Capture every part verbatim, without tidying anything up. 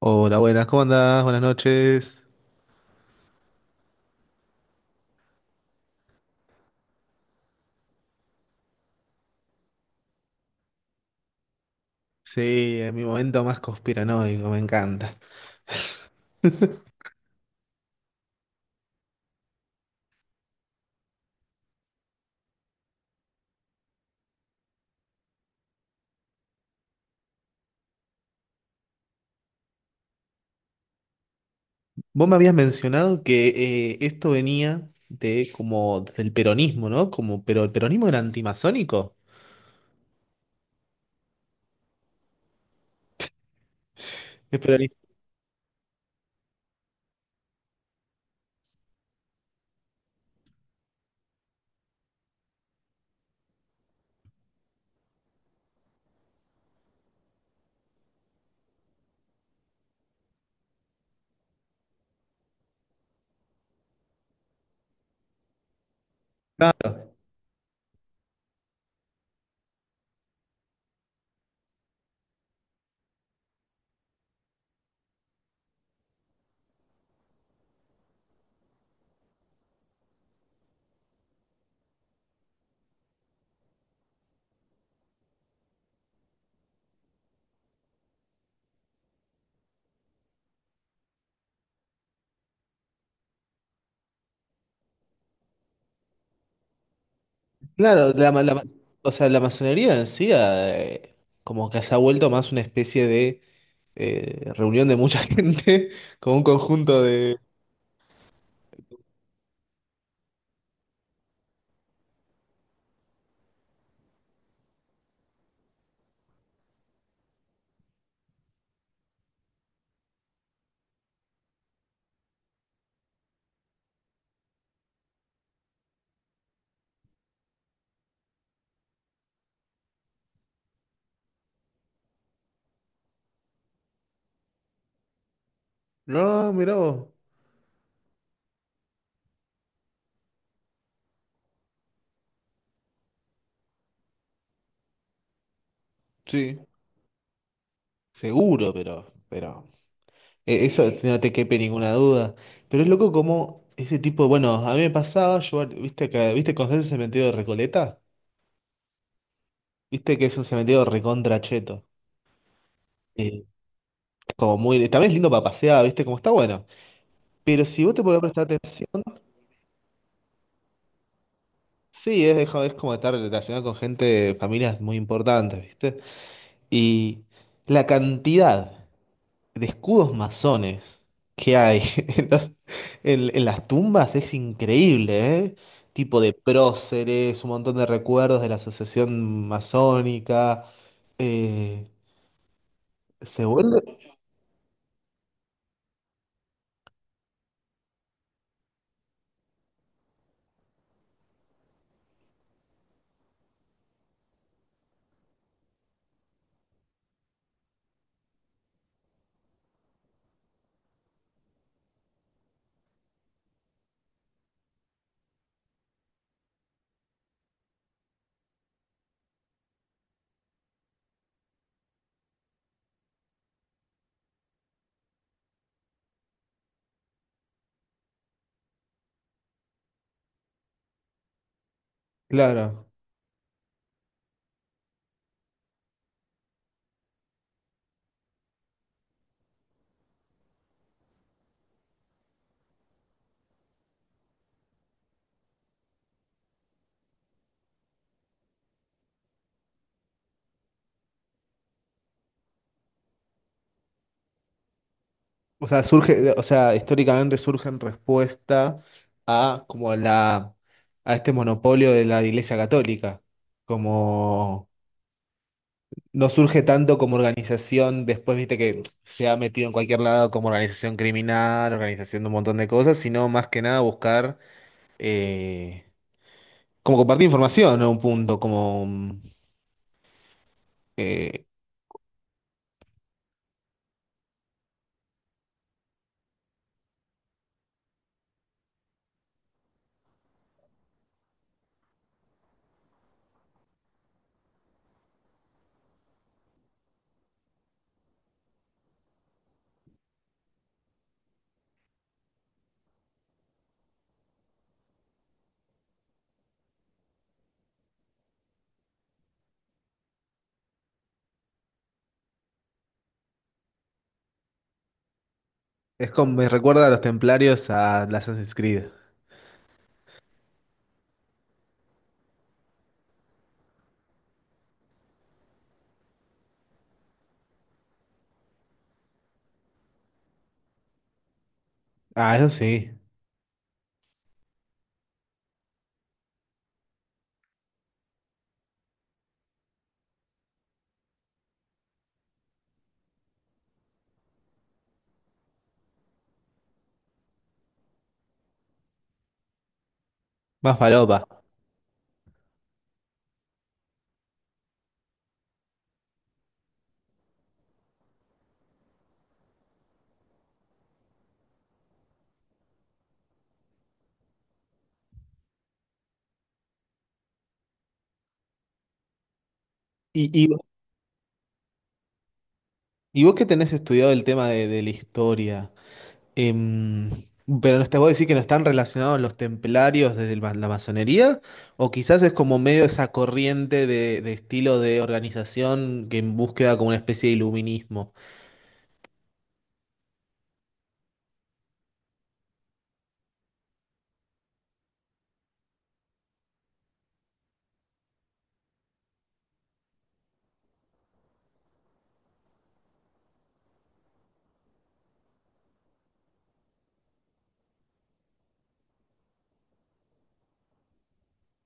Hola, buenas, ¿cómo andás? Buenas noches. Sí, es mi momento más conspiranoico, me encanta. Vos me habías mencionado que eh, esto venía de como del peronismo, ¿no? Como, pero el peronismo era antimasónico. Es peronista. Claro, claro, la, ma- la ma- o sea, la masonería en sí eh, como que se ha vuelto más una especie de eh, reunión de mucha gente, como un conjunto de. No, mirá vos. Sí, seguro, pero, pero. E- Eso no te quepe ninguna duda. Pero es loco como ese tipo, bueno, a mí me pasaba, yo, viste que, viste, ¿conocés el cementerio de Recoleta? Viste que es un cementerio recontra cheto. Eh, Como muy, también es lindo para pasear, viste, como está bueno. Pero si vos te podés prestar atención, sí, es, deja- es como estar relacionado con gente, familias muy importantes, viste. Y la cantidad de escudos masones que hay en las, en- en las tumbas es increíble, ¿eh? Tipo de próceres, un montón de recuerdos de la asociación masónica. eh, Se vuelve. Claro. O sea, surge, o sea, históricamente surge en respuesta a como la a este monopolio de la Iglesia Católica. Como no surge tanto como organización, después viste que se ha metido en cualquier lado como organización criminal, organización de un montón de cosas, sino más que nada buscar eh, como compartir información a un punto, como mm, eh, es como me recuerda a los templarios a las Assassin's Creed. Ah, eso sí, más falopa. Y, y, y vos que tenés estudiado el tema de, de la historia, Em, pero no te voy a decir que no están relacionados los templarios desde el ma- la masonería, o quizás es como medio esa corriente de, de estilo de organización que en búsqueda como una especie de iluminismo.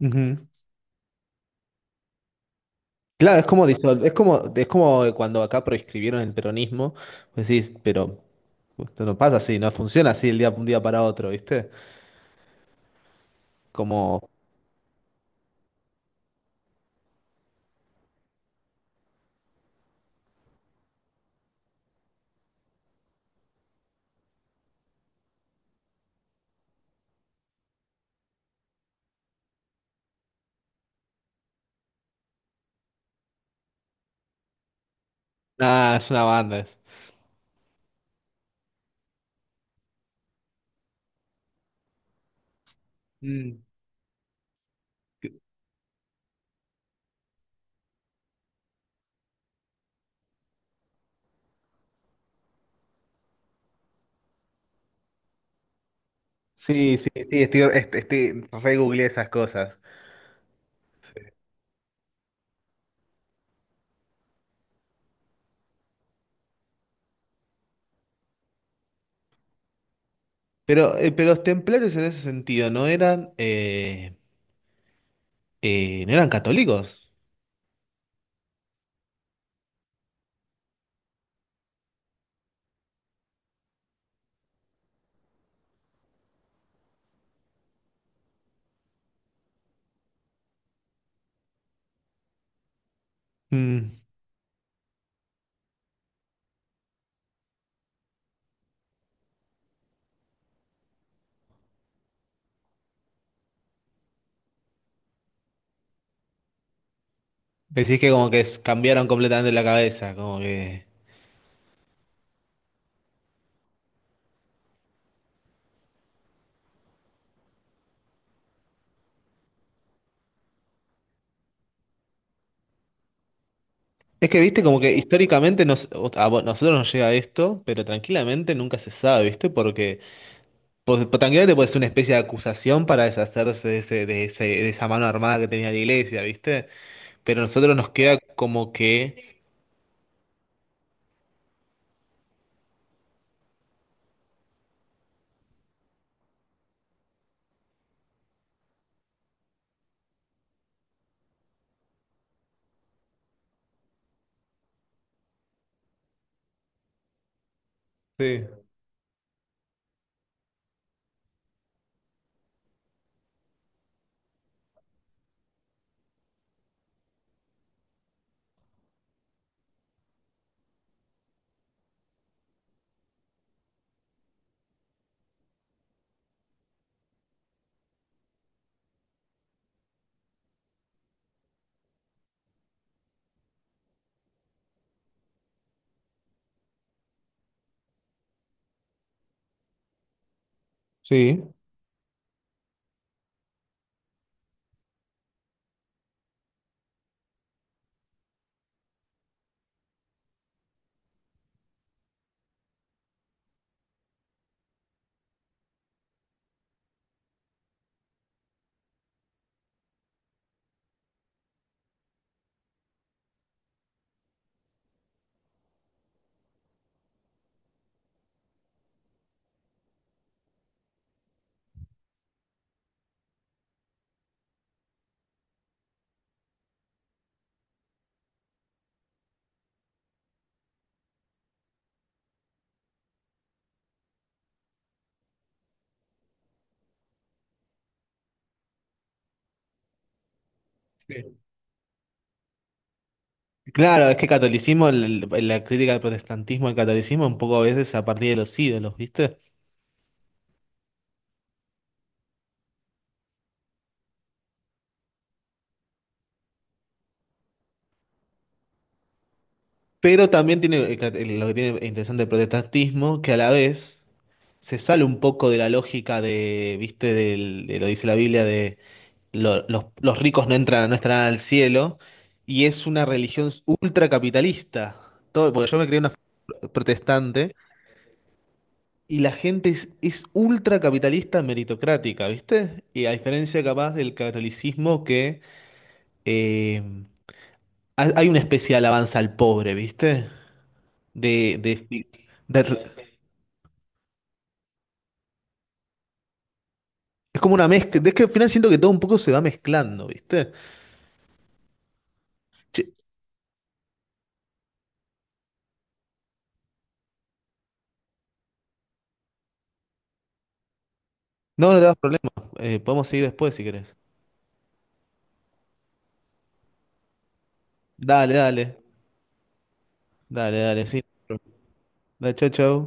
Ujú. Claro, es como, disol- es como, es como cuando acá proscribieron el peronismo, pues decís, pero esto no pasa así, no funciona así el día, un día para otro, ¿viste? Como, nada, es una banda. es- Mm. Sí, sí, sí, estoy, est- estoy, re googleé esas cosas. Pero, eh, pero los templarios en ese sentido no eran, eh, eh, no eran católicos. Mm. Decís que como que s- cambiaron completamente la cabeza, como que... Es que, viste, como que históricamente nos, a vo- nosotros nos llega esto, pero tranquilamente nunca se sabe, viste, porque pues, pues, tranquilamente puede ser una especie de acusación para deshacerse de, ese, de, ese- de esa mano armada que tenía la iglesia, viste, pero a nosotros nos queda como que... Sí, sí. Claro, es que catolicismo, el- el- la crítica al protestantismo, al catolicismo, un poco a veces a partir de los ídolos, ¿viste? Pero también tiene el cat- el- lo que tiene interesante el protestantismo, que a la vez se sale un poco de la lógica de, ¿viste? Del- de lo dice la Biblia, de lo- los, los ricos no entran, no estarán al cielo, y es una religión ultracapitalista. Todo, porque yo me creé una protestante. Y la gente es, es ultracapitalista meritocrática, ¿viste? Y a diferencia capaz del catolicismo que Eh, hay hay una especie de alabanza al pobre, ¿viste? De, de- de- es como una mezcla. Es que al final siento que todo un poco se va mezclando, ¿viste? Che, no, no te das problema. Eh, podemos seguir después si querés. Dale, dale. Dale, dale, sí. Dale, chau, chau.